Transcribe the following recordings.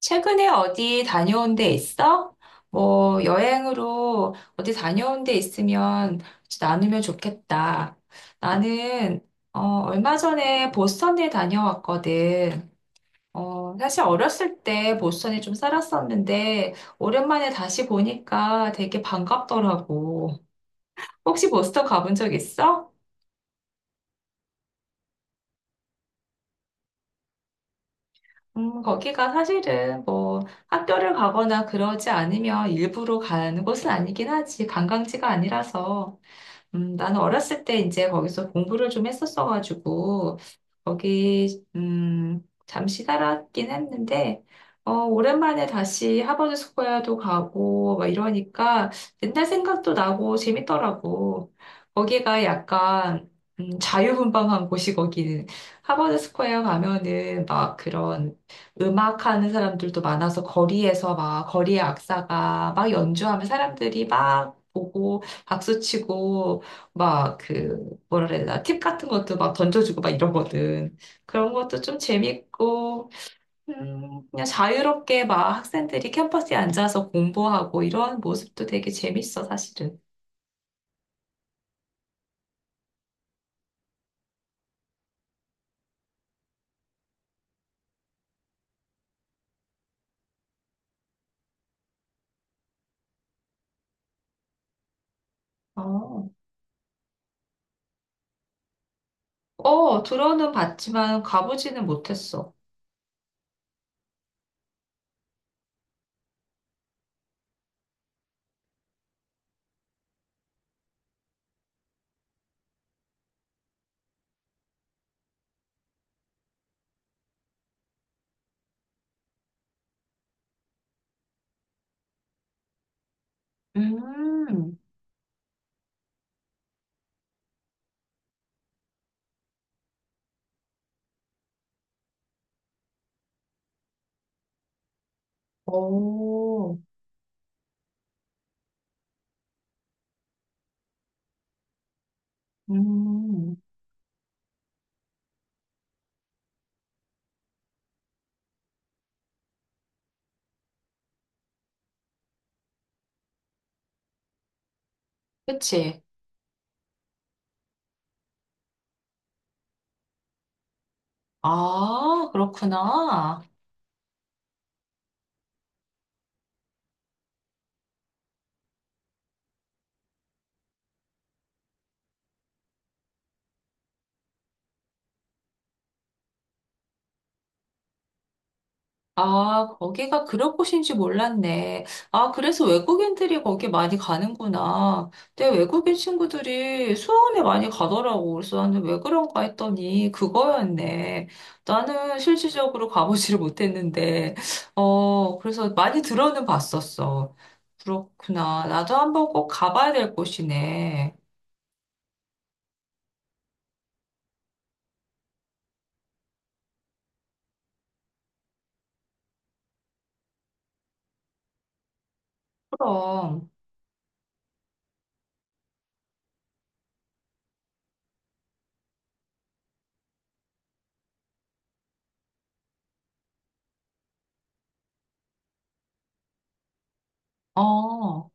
최근에 어디 다녀온 데 있어? 뭐 여행으로 어디 다녀온 데 있으면 같이 나누면 좋겠다. 나는 어, 얼마 전에 보스턴에 다녀왔거든. 사실 어렸을 때 보스턴에 좀 살았었는데 오랜만에 다시 보니까 되게 반갑더라고. 혹시 보스턴 가본 적 있어? 거기가 사실은 뭐 학교를 가거나 그러지 않으면 일부러 가는 곳은 아니긴 하지. 관광지가 아니라서. 나는 어렸을 때 이제 거기서 공부를 좀 했었어가지고, 거기, 잠시 살았긴 했는데, 오랜만에 다시 하버드 스코어도 가고, 막 이러니까 옛날 생각도 나고 재밌더라고. 거기가 약간, 자유분방한 곳이 거기는. 하버드 스코어 가면은 막 그런 음악하는 사람들도 많아서 거리에서 막, 거리의 악사가 막 연주하면 사람들이 막 보고, 박수치고 막 그 뭐라 그래야 되나 팁 같은 것도 막 던져주고 막 이러거든. 그런 것도 좀 재밌고 그냥 자유롭게 막 학생들이 캠퍼스에 앉아서 공부하고 이런 모습도 되게 재밌어 사실은. 어, 어 들어는 봤지만 가보지는 못했어. 음. 오. 음. 그치. 아, 그렇구나. 아, 거기가 그런 곳인지 몰랐네. 아, 그래서 외국인들이 거기 많이 가는구나. 내 외국인 친구들이 수원에 많이 가더라고. 그래서 나는 왜 그런가 했더니 그거였네. 나는 실질적으로 가보지를 못했는데, 그래서 많이 들어는 봤었어. 그렇구나. 나도 한번 꼭 가봐야 될 곳이네. 그럼. 어.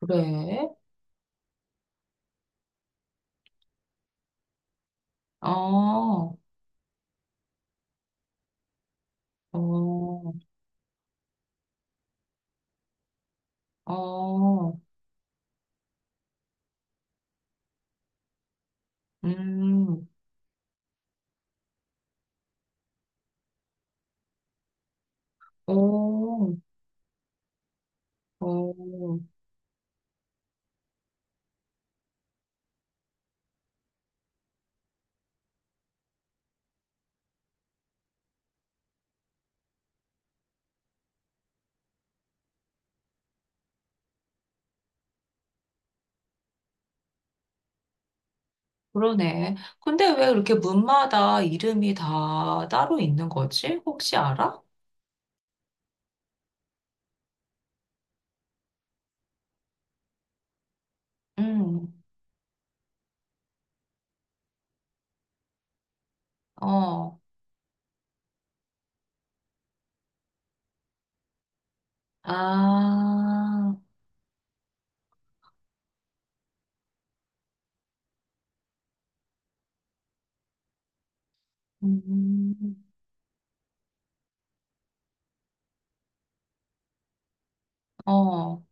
그래? 어. 어. 어. 음. 오. 오. 그러네. 근데 왜 이렇게 문마다 이름이 다 따로 있는 거지? 혹시 알아? 응. 어. 아. 음. 어.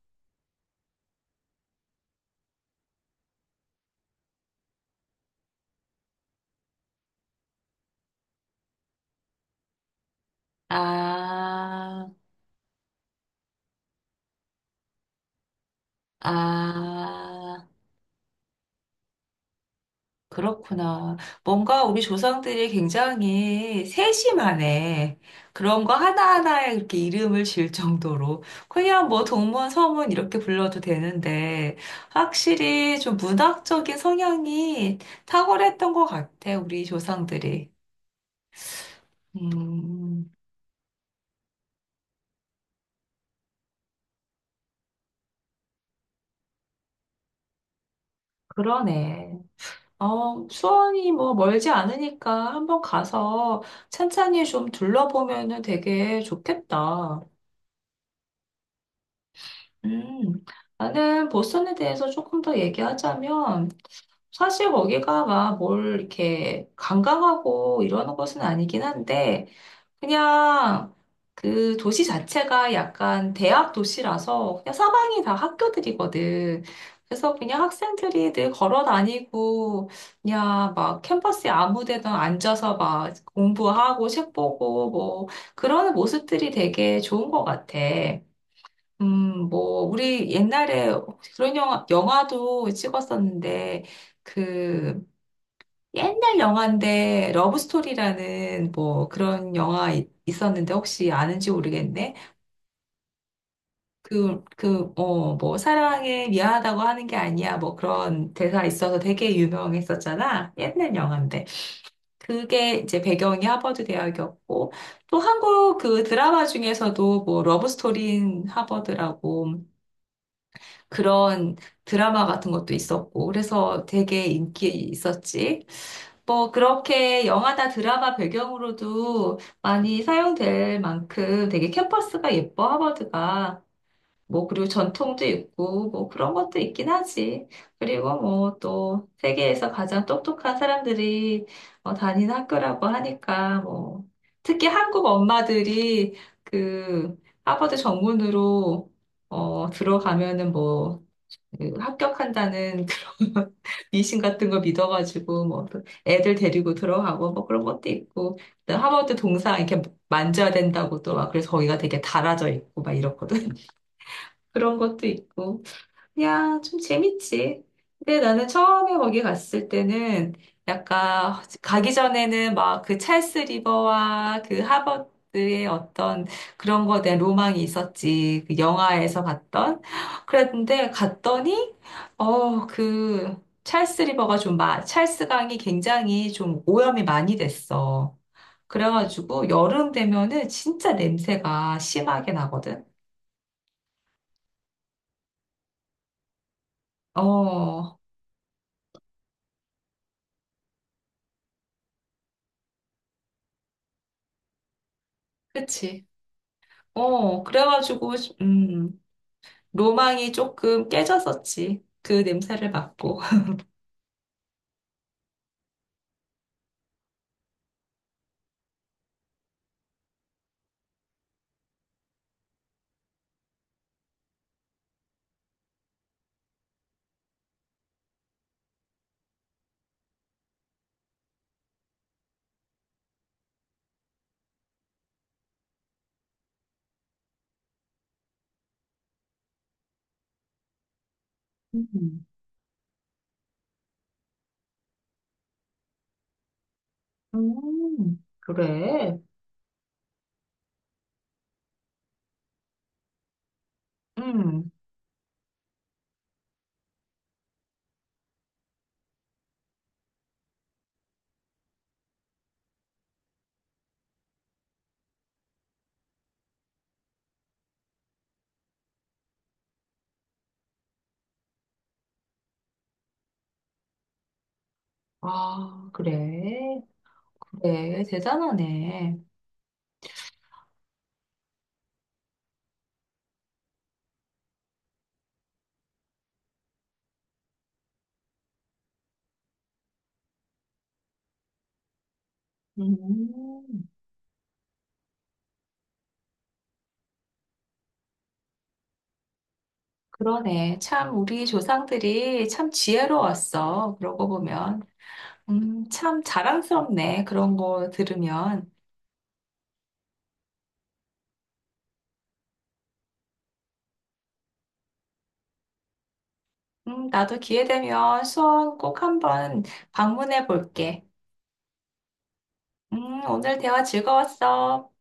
아. 아, 그렇구나. 뭔가 우리 조상들이 굉장히 세심하네. 그런 거 하나하나에 이렇게 이름을 지을 정도로. 그냥 뭐 동문, 서문 이렇게 불러도 되는데, 확실히 좀 문학적인 성향이 탁월했던 것 같아, 우리 조상들이. 음, 그러네. 어, 수원이 뭐 멀지 않으니까 한번 가서 찬찬히 좀 둘러보면은 되게 좋겠다. 음, 나는 보스턴에 대해서 조금 더 얘기하자면, 사실 거기가 막 뭘 이렇게 강강하고 이러는 것은 아니긴 한데, 그냥 그 도시 자체가 약간 대학 도시라서 그냥 사방이 다 학교들이거든. 그래서 그냥 학생들이 늘 걸어 다니고, 그냥 막 캠퍼스에 아무 데나 앉아서 막 공부하고 책 보고 뭐, 그러는 모습들이 되게 좋은 것 같아. 뭐, 우리 옛날에 그런 영화도 찍었었는데, 그, 옛날 영화인데, 러브스토리라는 뭐 그런 영화 있었는데, 혹시 아는지 모르겠네. 어, 뭐, 사랑해, 미안하다고 하는 게 아니야. 뭐 그런 대사 있어서 되게 유명했었잖아. 옛날 영화인데. 그게 이제 배경이 하버드 대학이었고, 또 한국 그 드라마 중에서도 뭐, 러브스토리인 하버드라고 그런 드라마 같은 것도 있었고, 그래서 되게 인기 있었지. 뭐, 그렇게 영화나 드라마 배경으로도 많이 사용될 만큼 되게 캠퍼스가 예뻐, 하버드가. 뭐, 그리고 전통도 있고, 뭐, 그런 것도 있긴 하지. 그리고 뭐, 또, 세계에서 가장 똑똑한 사람들이 다니는 학교라고 하니까, 뭐, 특히 한국 엄마들이 그, 하버드 정문으로 들어가면은 뭐, 그 합격한다는 그런 미신 같은 거 믿어가지고 뭐또 애들 데리고 들어가고 뭐 그런 것도 있고 또 하버드 동상 이렇게 만져야 된다고 또 막 그래서 거기가 되게 달아져 있고 막 이렇거든 그런 것도 있고 야, 좀 재밌지. 근데 나는 처음에 거기 갔을 때는 약간 가기 전에는 막 그 찰스 리버와 그 하버드의 어떤 그런 거에 대한 로망이 있었지. 그 영화에서 봤던. 그랬는데 갔더니 그 찰스 리버가 좀 찰스 강이 굉장히 좀 오염이 많이 됐어. 그래가지고 여름 되면은 진짜 냄새가 심하게 나거든. 어, 그치. 그래가지고, 음, 로망이 조금 깨졌었지. 그 냄새를 맡고. 음. 그래. 음. 아, 그래. 그래, 대단하네. 음, 그러네. 참, 우리 조상들이 참 지혜로웠어. 그러고 보면. 참 자랑스럽네. 그런 거 들으면. 나도 기회 되면 수원 꼭 한번 방문해 볼게. 오늘 대화 즐거웠어.